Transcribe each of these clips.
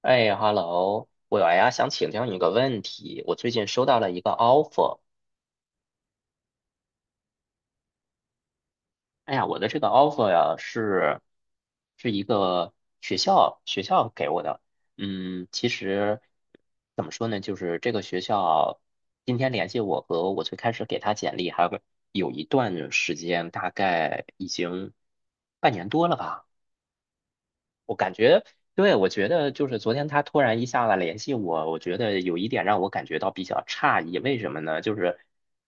哎，hello，我呀想请教你个问题。我最近收到了一个 offer，哎呀，我的这个 offer 呀是一个学校给我的。嗯，其实怎么说呢，就是这个学校今天联系我和我最开始给他简历还有个有一段时间，大概已经半年多了吧。我感觉，对，我觉得就是昨天他突然一下子联系我，我觉得有一点让我感觉到比较诧异，为什么呢？就是，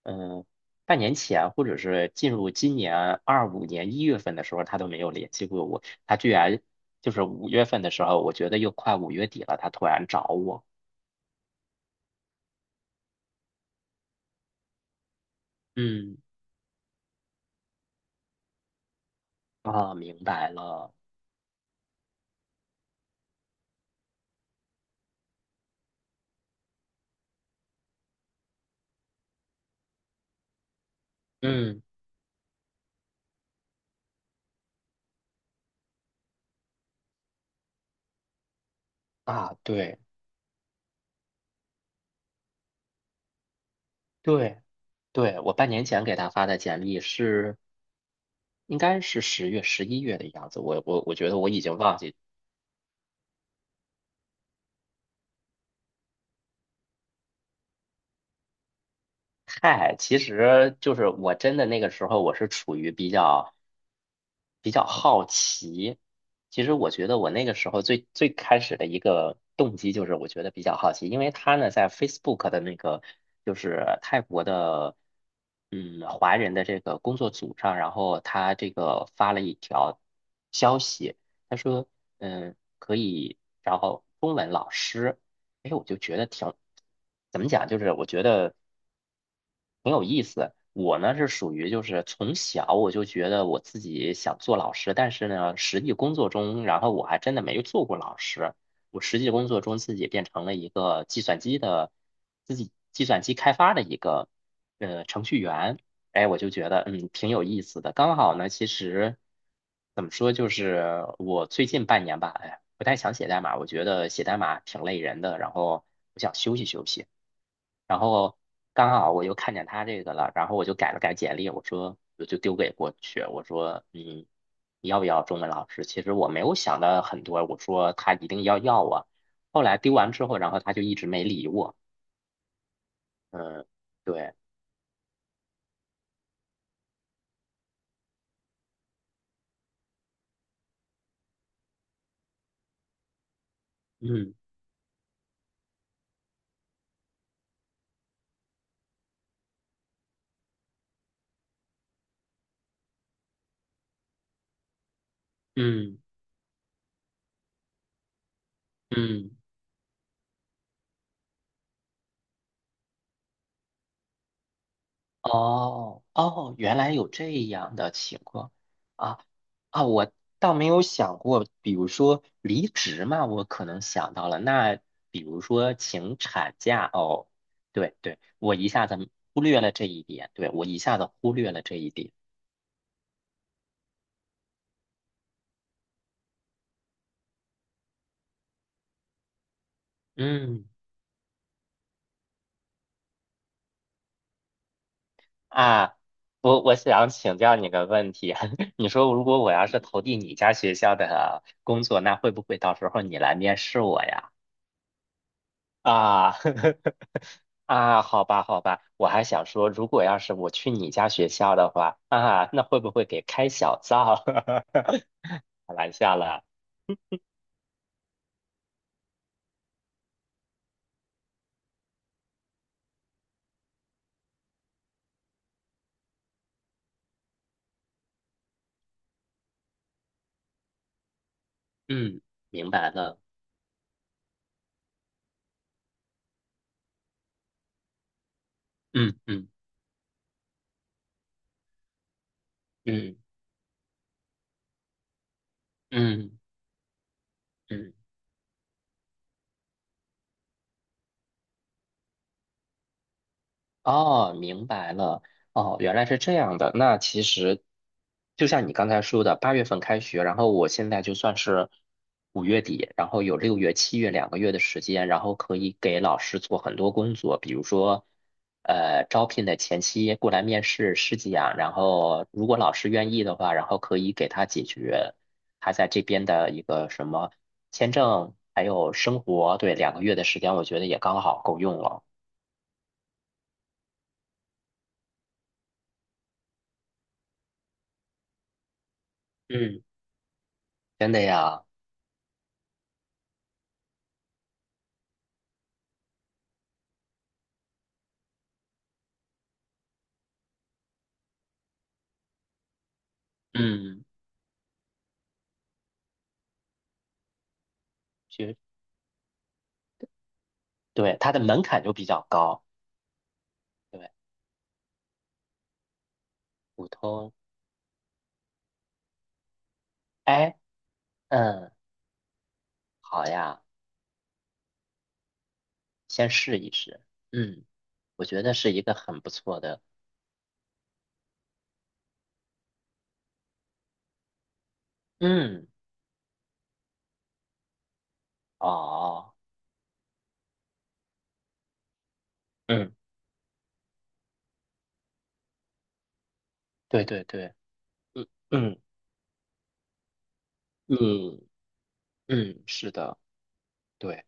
嗯、半年前或者是进入今年25年1月份的时候，他都没有联系过我，他居然就是5月份的时候，我觉得又快五月底了，他突然找我，嗯，啊，明白了，嗯，啊，对对对，我半年前给他发的简历是。应该是10月、11月的样子，我觉得我已经忘记嗨，其实就是我真的那个时候，我是处于比较好奇。其实我觉得我那个时候最开始的一个动机就是，我觉得比较好奇，因为他呢在 Facebook 的那个就是泰国的华人的这个工作组上，然后他这个发了一条消息，他说可以然后中文老师。哎，我就觉得挺，怎么讲，就是我觉得。很有意思。我呢是属于就是从小我就觉得我自己想做老师，但是呢，实际工作中，然后我还真的没做过老师。我实际工作中自己变成了一个计算机的，自己计算机开发的一个程序员。哎，我就觉得挺有意思的。刚好呢，其实怎么说，就是我最近半年吧，哎，不太想写代码，我觉得写代码挺累人的，然后我想休息休息。然后刚好我又看见他这个了，然后我就改了改简历，我说我就丢给过去，我说你要不要中文老师？其实我没有想到很多，我说他一定要要我。后来丢完之后，然后他就一直没理我。嗯，对，嗯嗯嗯。哦哦，原来有这样的情况啊啊！我倒没有想过，比如说离职嘛，我可能想到了。那比如说请产假哦，对对，我一下子忽略了这一点，对，我一下子忽略了这一点。嗯啊，我想请教你个问题，你说如果我要是投递你家学校的工作，那会不会到时候你来面试我呀？啊，啊，好吧，好吧，我还想说，如果要是我去你家学校的话，啊，那会不会给开小灶？开玩笑了，嗯，明白了，嗯嗯嗯嗯嗯。哦，明白了。哦，原来是这样的。那其实就像你刚才说的，8月份开学，然后我现在就算是五月底，然后有6月、7月两个月的时间，然后可以给老师做很多工作，比如说，招聘的前期过来面试试讲，然后如果老师愿意的话，然后可以给他解决他在这边的一个什么签证，还有生活，对，两个月的时间，我觉得也刚好够用了。嗯，真的呀。嗯，其实对，它的门槛就比较高。对，普通，哎，嗯，好呀，先试一试。嗯，我觉得是一个很不错的。嗯，哦，嗯，对对对，嗯嗯嗯嗯，是的，对。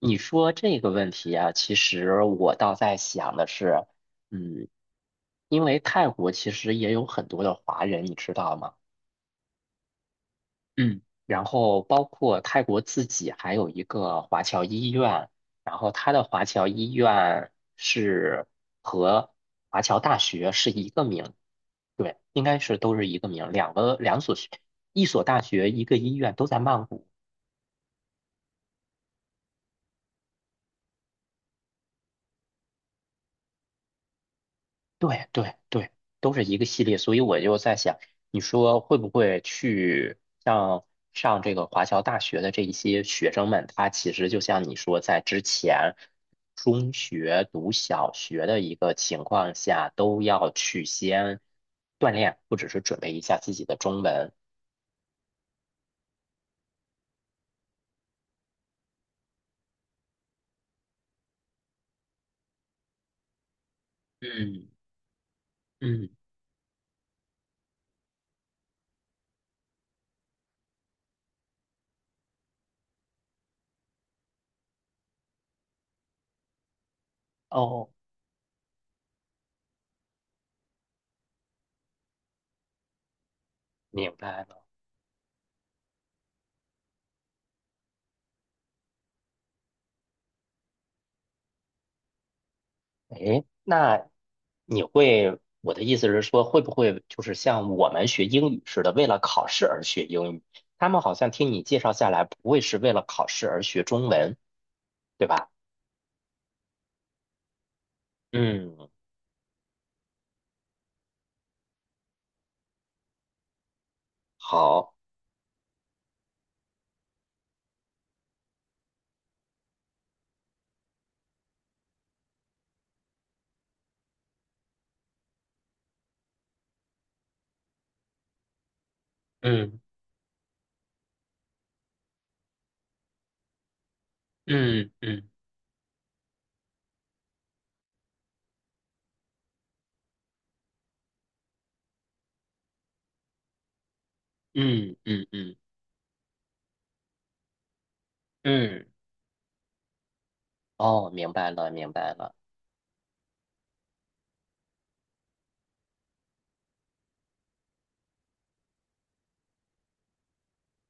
你说这个问题啊，其实我倒在想的是，嗯，因为泰国其实也有很多的华人，你知道吗？嗯，然后包括泰国自己还有一个华侨医院，然后它的华侨医院是和华侨大学是一个名，对，应该是都是一个名，2所学，一所大学一个医院都在曼谷。对对对，都是一个系列，所以我就在想，你说会不会去像上这个华侨大学的这一些学生们，他其实就像你说，在之前中学读小学的一个情况下，都要去先锻炼，或者是准备一下自己的中文。嗯嗯，哦，明白了。哎，那你会，我的意思是说，会不会就是像我们学英语似的，为了考试而学英语？他们好像听你介绍下来，不会是为了考试而学中文，对吧？嗯，好，嗯嗯嗯嗯嗯嗯嗯，嗯哦，明白了，明白了。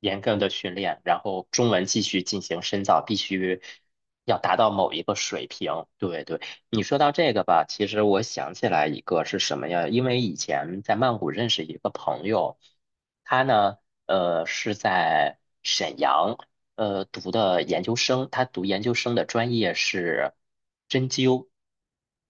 严格的训练，然后中文继续进行深造，必须要达到某一个水平。对对，你说到这个吧，其实我想起来一个是什么呀？因为以前在曼谷认识一个朋友，他呢，是在沈阳，读的研究生，他读研究生的专业是针灸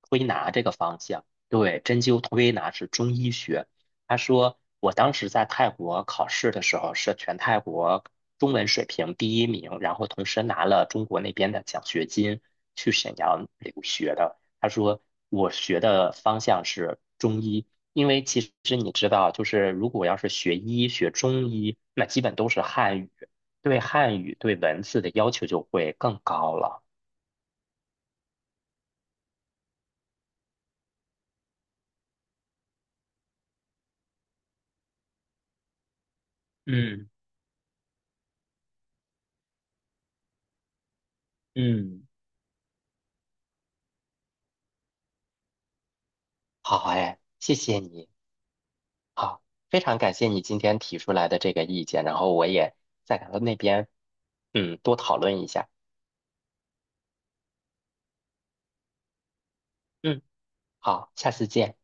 推拿这个方向。对，针灸推拿是中医学。他说我当时在泰国考试的时候是全泰国中文水平第一名，然后同时拿了中国那边的奖学金去沈阳留学的。他说我学的方向是中医，因为其实你知道，就是如果要是学医学中医，那基本都是汉语，对汉语对文字的要求就会更高了。嗯嗯，好哎，谢谢你。好，非常感谢你今天提出来的这个意见，然后我也在他们那边多讨论一下。嗯，好，下次见。